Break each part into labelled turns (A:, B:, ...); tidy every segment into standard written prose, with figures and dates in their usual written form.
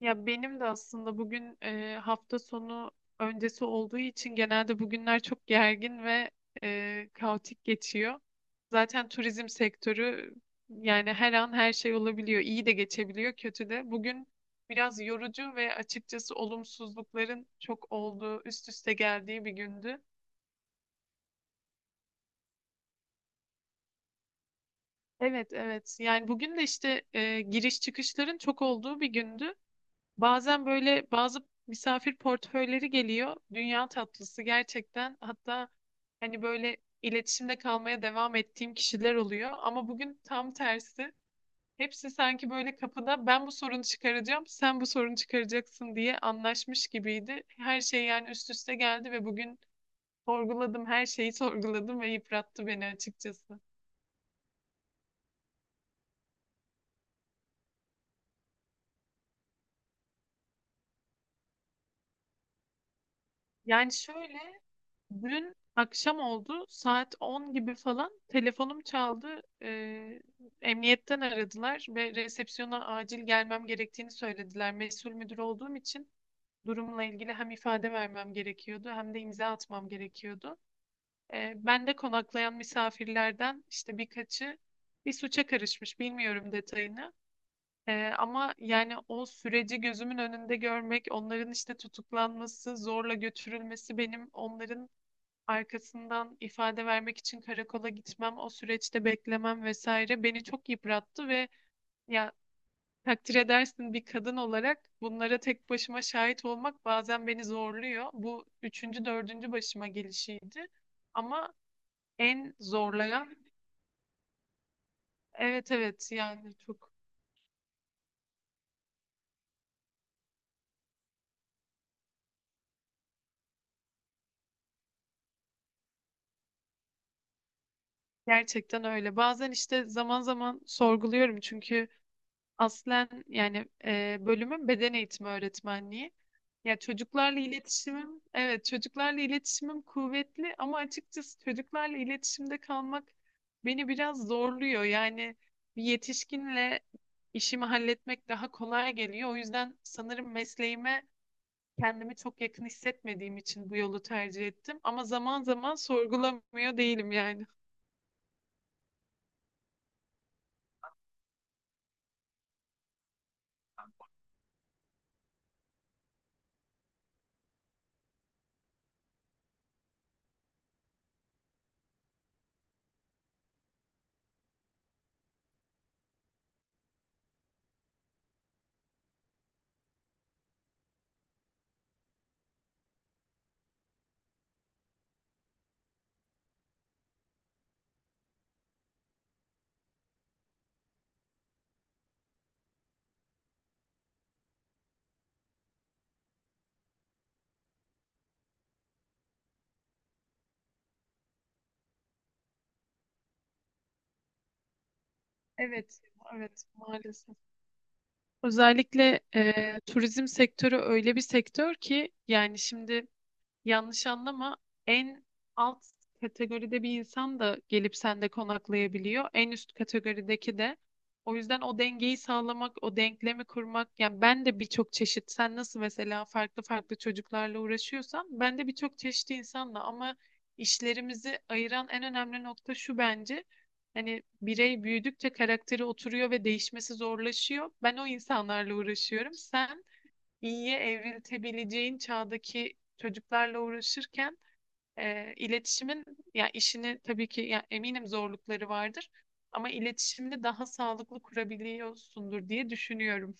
A: Ya benim de aslında bugün hafta sonu öncesi olduğu için genelde bugünler çok gergin ve kaotik geçiyor. Zaten turizm sektörü, yani her an her şey olabiliyor. İyi de geçebiliyor, kötü de. Bugün biraz yorucu ve açıkçası olumsuzlukların çok olduğu, üst üste geldiği bir gündü. Evet, evet. Yani bugün de işte giriş çıkışların çok olduğu bir gündü. Bazen böyle bazı misafir portföyleri geliyor. Dünya tatlısı gerçekten. Hatta hani böyle iletişimde kalmaya devam ettiğim kişiler oluyor. Ama bugün tam tersi. Hepsi sanki böyle kapıda ben bu sorunu çıkaracağım, sen bu sorunu çıkaracaksın diye anlaşmış gibiydi. Her şey yani üst üste geldi ve bugün sorguladım, her şeyi sorguladım ve yıprattı beni açıkçası. Yani şöyle, dün akşam oldu. Saat 10 gibi falan telefonum çaldı. Emniyetten aradılar ve resepsiyona acil gelmem gerektiğini söylediler. Mesul müdür olduğum için durumla ilgili hem ifade vermem gerekiyordu hem de imza atmam gerekiyordu. Ben de konaklayan misafirlerden işte birkaçı bir suça karışmış. Bilmiyorum detayını. Ama yani o süreci gözümün önünde görmek, onların işte tutuklanması, zorla götürülmesi, benim onların arkasından ifade vermek için karakola gitmem, o süreçte beklemem vesaire beni çok yıprattı ve ya takdir edersin, bir kadın olarak bunlara tek başıma şahit olmak bazen beni zorluyor. Bu üçüncü, dördüncü başıma gelişiydi. Ama en zorlayan. Evet, evet, yani çok. Gerçekten öyle. Bazen işte zaman zaman sorguluyorum, çünkü aslen yani bölümüm beden eğitimi öğretmenliği. Ya çocuklarla iletişimim, evet, çocuklarla iletişimim kuvvetli ama açıkçası çocuklarla iletişimde kalmak beni biraz zorluyor. Yani bir yetişkinle işimi halletmek daha kolay geliyor. O yüzden sanırım mesleğime kendimi çok yakın hissetmediğim için bu yolu tercih ettim. Ama zaman zaman sorgulamıyor değilim yani. Evet, evet, maalesef. Özellikle turizm sektörü öyle bir sektör ki, yani şimdi. Yanlış anlama. En alt kategoride bir insan da gelip sende konaklayabiliyor. En üst kategorideki de. O yüzden o dengeyi sağlamak, o denklemi kurmak. Yani ben de birçok çeşit, sen nasıl mesela farklı farklı çocuklarla uğraşıyorsan, ben de birçok çeşit insanla, ama işlerimizi ayıran en önemli nokta şu bence. Hani birey büyüdükçe karakteri oturuyor ve değişmesi zorlaşıyor. Ben o insanlarla uğraşıyorum. Sen iyiye evriltebileceğin çağdaki çocuklarla uğraşırken iletişimin, ya işini tabii ki, ya eminim zorlukları vardır ama iletişimini daha sağlıklı kurabiliyorsundur diye düşünüyorum.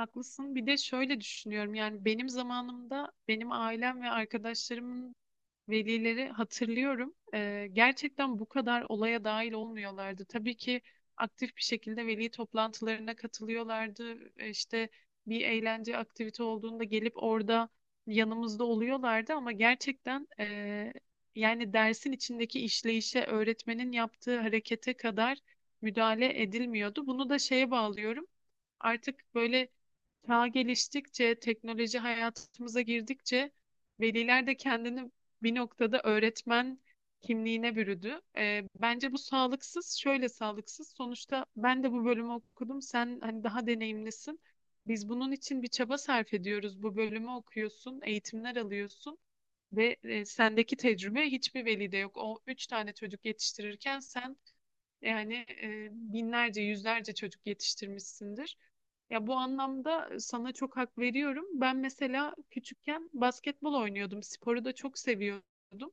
A: Haklısın. Bir de şöyle düşünüyorum, yani benim zamanımda benim ailem ve arkadaşlarımın velileri hatırlıyorum. Gerçekten bu kadar olaya dahil olmuyorlardı. Tabii ki aktif bir şekilde veli toplantılarına katılıyorlardı. İşte bir eğlence aktivite olduğunda gelip orada yanımızda oluyorlardı ama gerçekten yani dersin içindeki işleyişe, öğretmenin yaptığı harekete kadar müdahale edilmiyordu. Bunu da şeye bağlıyorum. Artık böyle çağ geliştikçe, teknoloji hayatımıza girdikçe veliler de kendini bir noktada öğretmen kimliğine bürüdü. Bence bu sağlıksız, şöyle sağlıksız. Sonuçta ben de bu bölümü okudum. Sen hani daha deneyimlisin. Biz bunun için bir çaba sarf ediyoruz. Bu bölümü okuyorsun, eğitimler alıyorsun ve sendeki tecrübe hiçbir velide yok. O üç tane çocuk yetiştirirken sen, yani binlerce, yüzlerce çocuk yetiştirmişsindir. Ya bu anlamda sana çok hak veriyorum. Ben mesela küçükken basketbol oynuyordum. Sporu da çok seviyordum.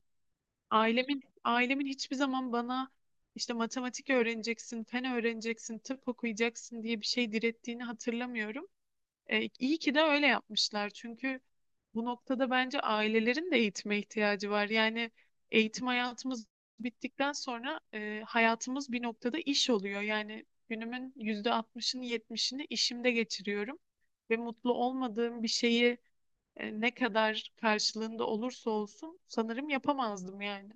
A: Ailemin hiçbir zaman bana işte matematik öğreneceksin, fen öğreneceksin, tıp okuyacaksın diye bir şey direttiğini hatırlamıyorum. İyi ki de öyle yapmışlar çünkü bu noktada bence ailelerin de eğitime ihtiyacı var. Yani eğitim hayatımız bittikten sonra hayatımız bir noktada iş oluyor. Yani günümün yüzde 60'ını 70'ini işimde geçiriyorum ve mutlu olmadığım bir şeyi ne kadar karşılığında olursa olsun sanırım yapamazdım yani.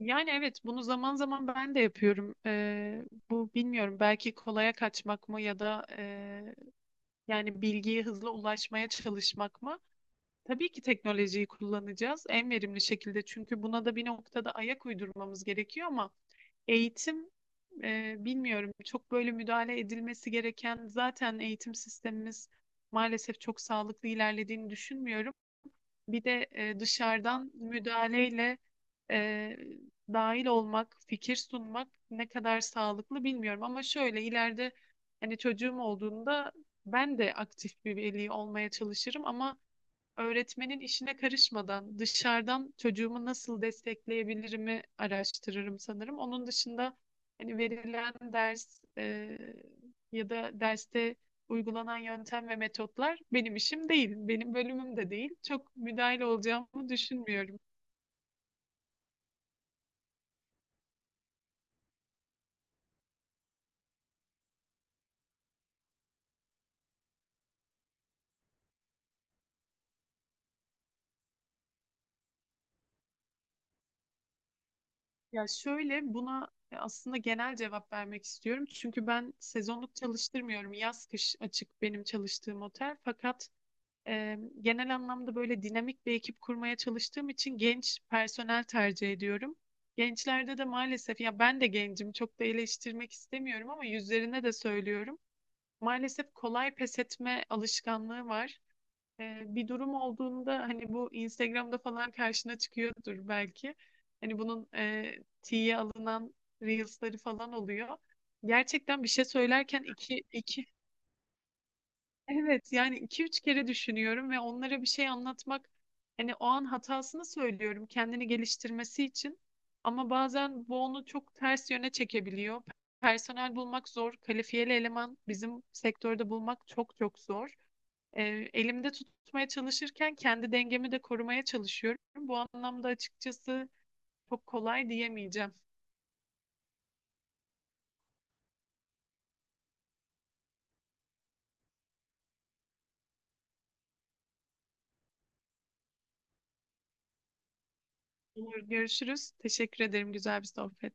A: Yani evet, bunu zaman zaman ben de yapıyorum. Bu bilmiyorum, belki kolaya kaçmak mı, ya da yani bilgiye hızlı ulaşmaya çalışmak mı? Tabii ki teknolojiyi kullanacağız en verimli şekilde. Çünkü buna da bir noktada ayak uydurmamız gerekiyor ama eğitim bilmiyorum, çok böyle müdahale edilmesi gereken, zaten eğitim sistemimiz maalesef çok sağlıklı ilerlediğini düşünmüyorum. Bir de dışarıdan müdahaleyle e, dahil olmak, fikir sunmak ne kadar sağlıklı bilmiyorum. Ama şöyle ileride hani çocuğum olduğunda ben de aktif bir veli olmaya çalışırım ama öğretmenin işine karışmadan dışarıdan çocuğumu nasıl destekleyebilirimi araştırırım sanırım. Onun dışında hani verilen ders, ya da derste uygulanan yöntem ve metotlar benim işim değil, benim bölümüm de değil. Çok müdahil olacağımı düşünmüyorum. Ya şöyle, buna aslında genel cevap vermek istiyorum. Çünkü ben sezonluk çalıştırmıyorum. Yaz kış açık benim çalıştığım otel. Fakat genel anlamda böyle dinamik bir ekip kurmaya çalıştığım için genç personel tercih ediyorum. Gençlerde de maalesef, ya ben de gencim, çok da eleştirmek istemiyorum ama yüzlerine de söylüyorum. Maalesef kolay pes etme alışkanlığı var. Bir durum olduğunda hani bu Instagram'da falan karşına çıkıyordur belki. Hani bunun tiye alınan Reels'ları falan oluyor. Gerçekten bir şey söylerken iki, iki Evet, yani iki üç kere düşünüyorum ve onlara bir şey anlatmak, hani o an hatasını söylüyorum kendini geliştirmesi için ama bazen bu onu çok ters yöne çekebiliyor. Personel bulmak zor, kalifiyeli eleman bizim sektörde bulmak çok çok zor. Ee, Elimde tutmaya çalışırken kendi dengemi de korumaya çalışıyorum. Bu anlamda açıkçası çok kolay diyemeyeceğim. Olur, görüşürüz. Teşekkür ederim, güzel bir sohbet.